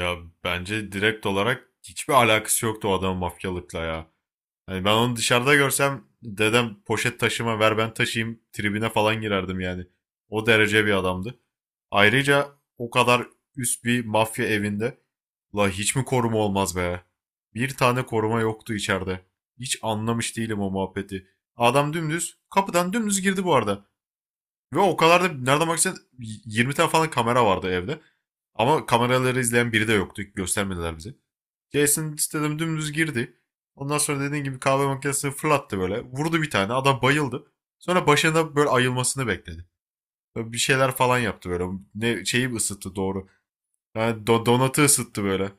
Ya bence direkt olarak hiçbir alakası yoktu o adamın mafyalıkla ya. Hani ben onu dışarıda görsem dedem poşet taşıma ver ben taşıyayım tribine falan girerdim yani. O derece bir adamdı. Ayrıca o kadar üst bir mafya evinde la hiç mi koruma olmaz be? Bir tane koruma yoktu içeride. Hiç anlamış değilim o muhabbeti. Adam dümdüz kapıdan dümdüz girdi bu arada. Ve o kadar da nereden baksan 20 tane falan kamera vardı evde. Ama kameraları izleyen biri de yoktu. Göstermediler bize. Jason istedim dümdüz girdi. Ondan sonra dediğin gibi kahve makinesini fırlattı böyle. Vurdu bir tane. Adam bayıldı. Sonra başında böyle ayılmasını bekledi. Böyle bir şeyler falan yaptı böyle. Ne şeyi ısıttı doğru. Yani donatı ısıttı böyle.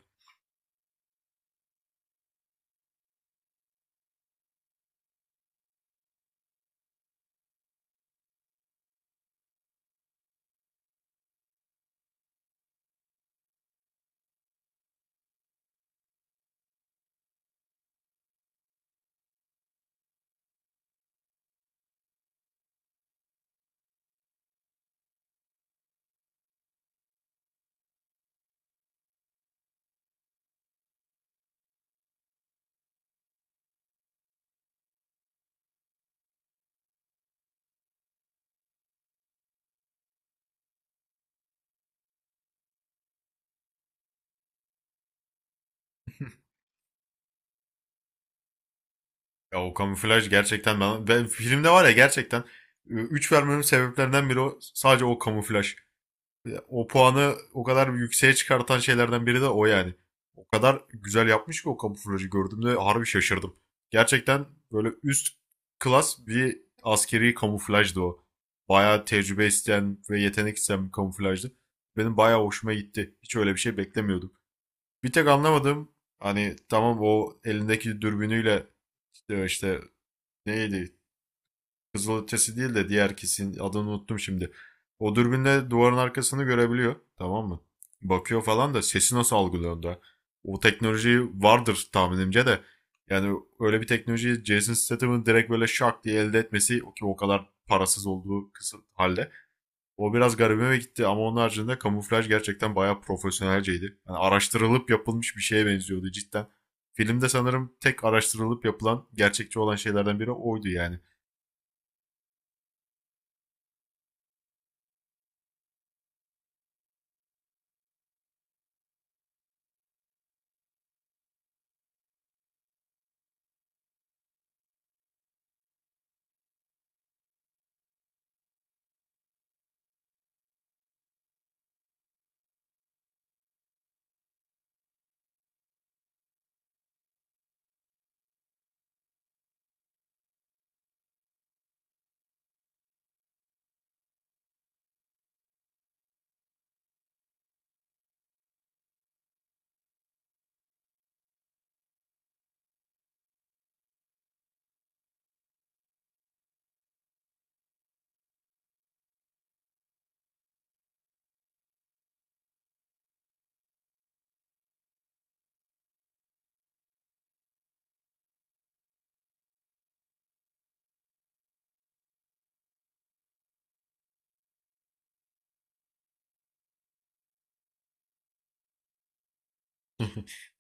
Ya o kamuflaj gerçekten ben filmde var ya gerçekten üç vermemin sebeplerinden biri o, sadece o kamuflaj. O puanı o kadar yükseğe çıkartan şeylerden biri de o yani. O kadar güzel yapmış ki o kamuflajı gördüğümde harbi şaşırdım. Gerçekten böyle üst klas bir askeri kamuflajdı o. Bayağı tecrübe isteyen ve yetenek isteyen bir kamuflajdı. Benim bayağı hoşuma gitti. Hiç öyle bir şey beklemiyordum. Bir tek anlamadığım hani tamam o elindeki dürbünüyle işte neydi, kızılötesi değil de diğer kesin adını unuttum şimdi. O dürbünle duvarın arkasını görebiliyor. Tamam mı? Bakıyor falan da sesi nasıl algılıyor da. O teknoloji vardır tahminimce de. Yani öyle bir teknolojiyi Jason Statham'ın direkt böyle şak diye elde etmesi ki o kadar parasız olduğu kısım halde. O biraz garibime gitti ama onun haricinde kamuflaj gerçekten bayağı profesyonelceydi. Yani araştırılıp yapılmış bir şeye benziyordu cidden. Filmde sanırım tek araştırılıp yapılan, gerçekçi olan şeylerden biri oydu yani.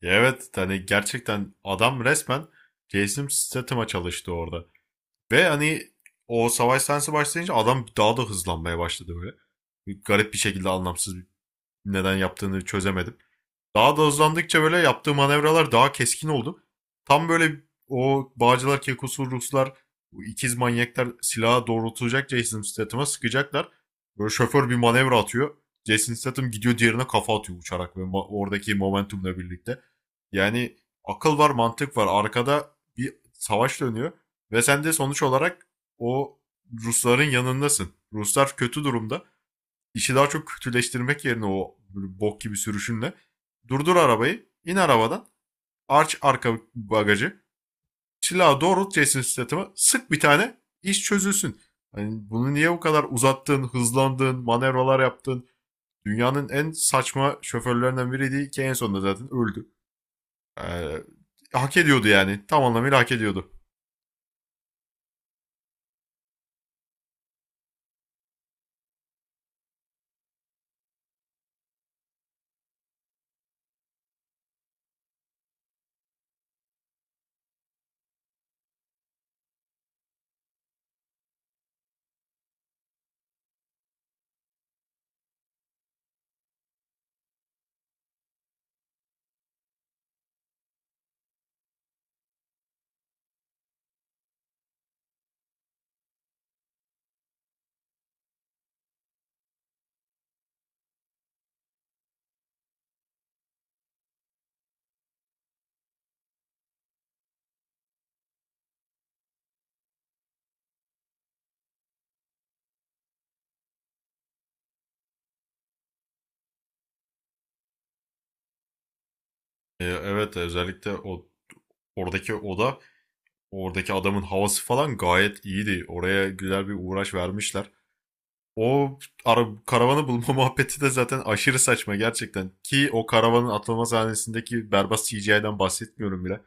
Ya, evet, hani gerçekten adam resmen Jason Statham'a çalıştı orada. Ve hani o savaş sahnesi başlayınca adam daha da hızlanmaya başladı böyle. Garip bir şekilde anlamsız, neden yaptığını çözemedim. Daha da hızlandıkça böyle yaptığı manevralar daha keskin oldu. Tam böyle o Bağcılar, Kekosu, Ruslar, bu ikiz manyaklar silahı doğrultulacak Jason Statham'a sıkacaklar. Böyle şoför bir manevra atıyor. Jason Statham gidiyor diğerine kafa atıyor uçarak ve oradaki momentumla birlikte. Yani akıl var, mantık var. Arkada bir savaş dönüyor ve sen de sonuç olarak o Rusların yanındasın. Ruslar kötü durumda, işi daha çok kötüleştirmek yerine o böyle bok gibi sürüşünle durdur arabayı. İn arabadan. Arç arka bagajı. Silahı doğrult Jason Statham'a. Sık bir tane. İş çözülsün. Hani bunu niye bu kadar uzattın, hızlandın, manevralar yaptın? Dünyanın en saçma şoförlerinden biriydi ki en sonunda zaten öldü. Ee, Hak ediyordu yani. Tam anlamıyla hak ediyordu. Evet, özellikle o oradaki oda, oradaki adamın havası falan gayet iyiydi. Oraya güzel bir uğraş vermişler. O ara, karavanı bulma muhabbeti de zaten aşırı saçma gerçekten. Ki o karavanın atılma sahnesindeki berbat CGI'den bahsetmiyorum bile.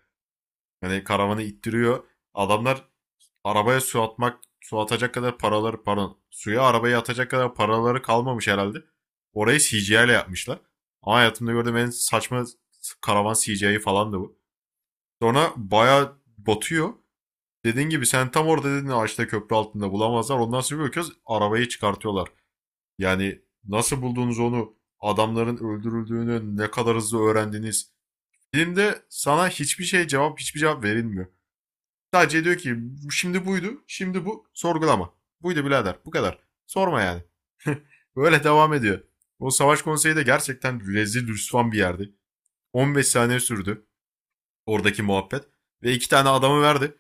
Yani karavanı ittiriyor. Adamlar arabaya su atmak, su atacak kadar paraları, pardon, suya arabayı atacak kadar paraları kalmamış herhalde. Orayı CGI ile yapmışlar. Ama hayatımda gördüğüm en saçma karavan CGI falan da bu. Sonra bayağı batıyor. Dediğin gibi sen tam orada dedin ağaçta köprü altında bulamazlar. Ondan sonra bir bakıyoruz arabayı çıkartıyorlar. Yani nasıl buldunuz onu? Adamların öldürüldüğünü ne kadar hızlı öğrendiniz? Filmde sana hiçbir cevap verilmiyor. Sadece diyor ki şimdi buydu, şimdi bu. Sorgulama. Buydu birader. Bu kadar. Sorma yani. Böyle devam ediyor. O savaş konseyi de gerçekten rezil rüsvan bir yerdi. 15 saniye sürdü oradaki muhabbet. Ve iki tane adamı verdi.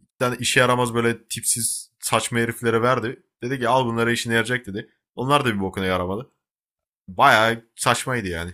Bir tane işe yaramaz böyle tipsiz saçma heriflere verdi. Dedi ki al bunlara işine yarayacak dedi. Onlar da bir bokuna yaramadı. Bayağı saçmaydı yani.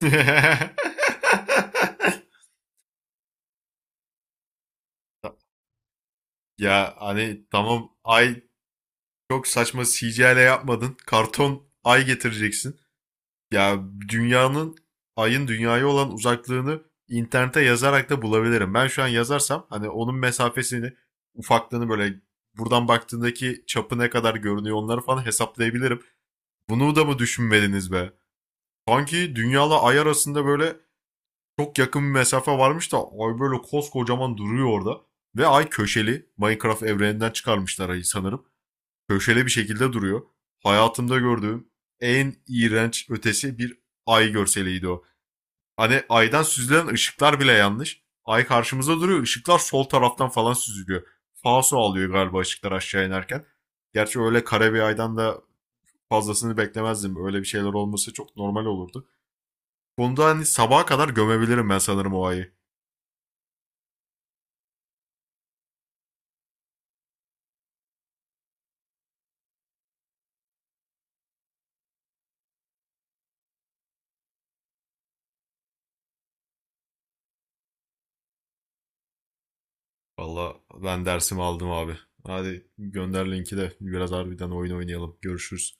Ya hani tamam ay, çok saçma CGI ile yapmadın. Karton ay getireceksin. Ya, dünyanın ayın dünyaya olan uzaklığını internete yazarak da bulabilirim. Ben şu an yazarsam hani onun mesafesini, ufaklığını, böyle buradan baktığındaki çapı ne kadar görünüyor onları falan hesaplayabilirim. Bunu da mı düşünmediniz be? Sanki dünyayla ay arasında böyle çok yakın bir mesafe varmış da ay böyle koskocaman duruyor orada. Ve ay köşeli. Minecraft evreninden çıkarmışlar ayı sanırım. Köşeli bir şekilde duruyor. Hayatımda gördüğüm en iğrenç ötesi bir ay görseliydi o. Hani aydan süzülen ışıklar bile yanlış. Ay karşımıza duruyor. Işıklar sol taraftan falan süzülüyor. Falso alıyor galiba ışıklar aşağı inerken. Gerçi öyle kare bir aydan da fazlasını beklemezdim. Öyle bir şeyler olması çok normal olurdu konuda, hani sabaha kadar gömebilirim ben sanırım o ayı. Valla ben dersimi aldım abi. Hadi gönder linki de biraz harbiden oyun oynayalım. Görüşürüz.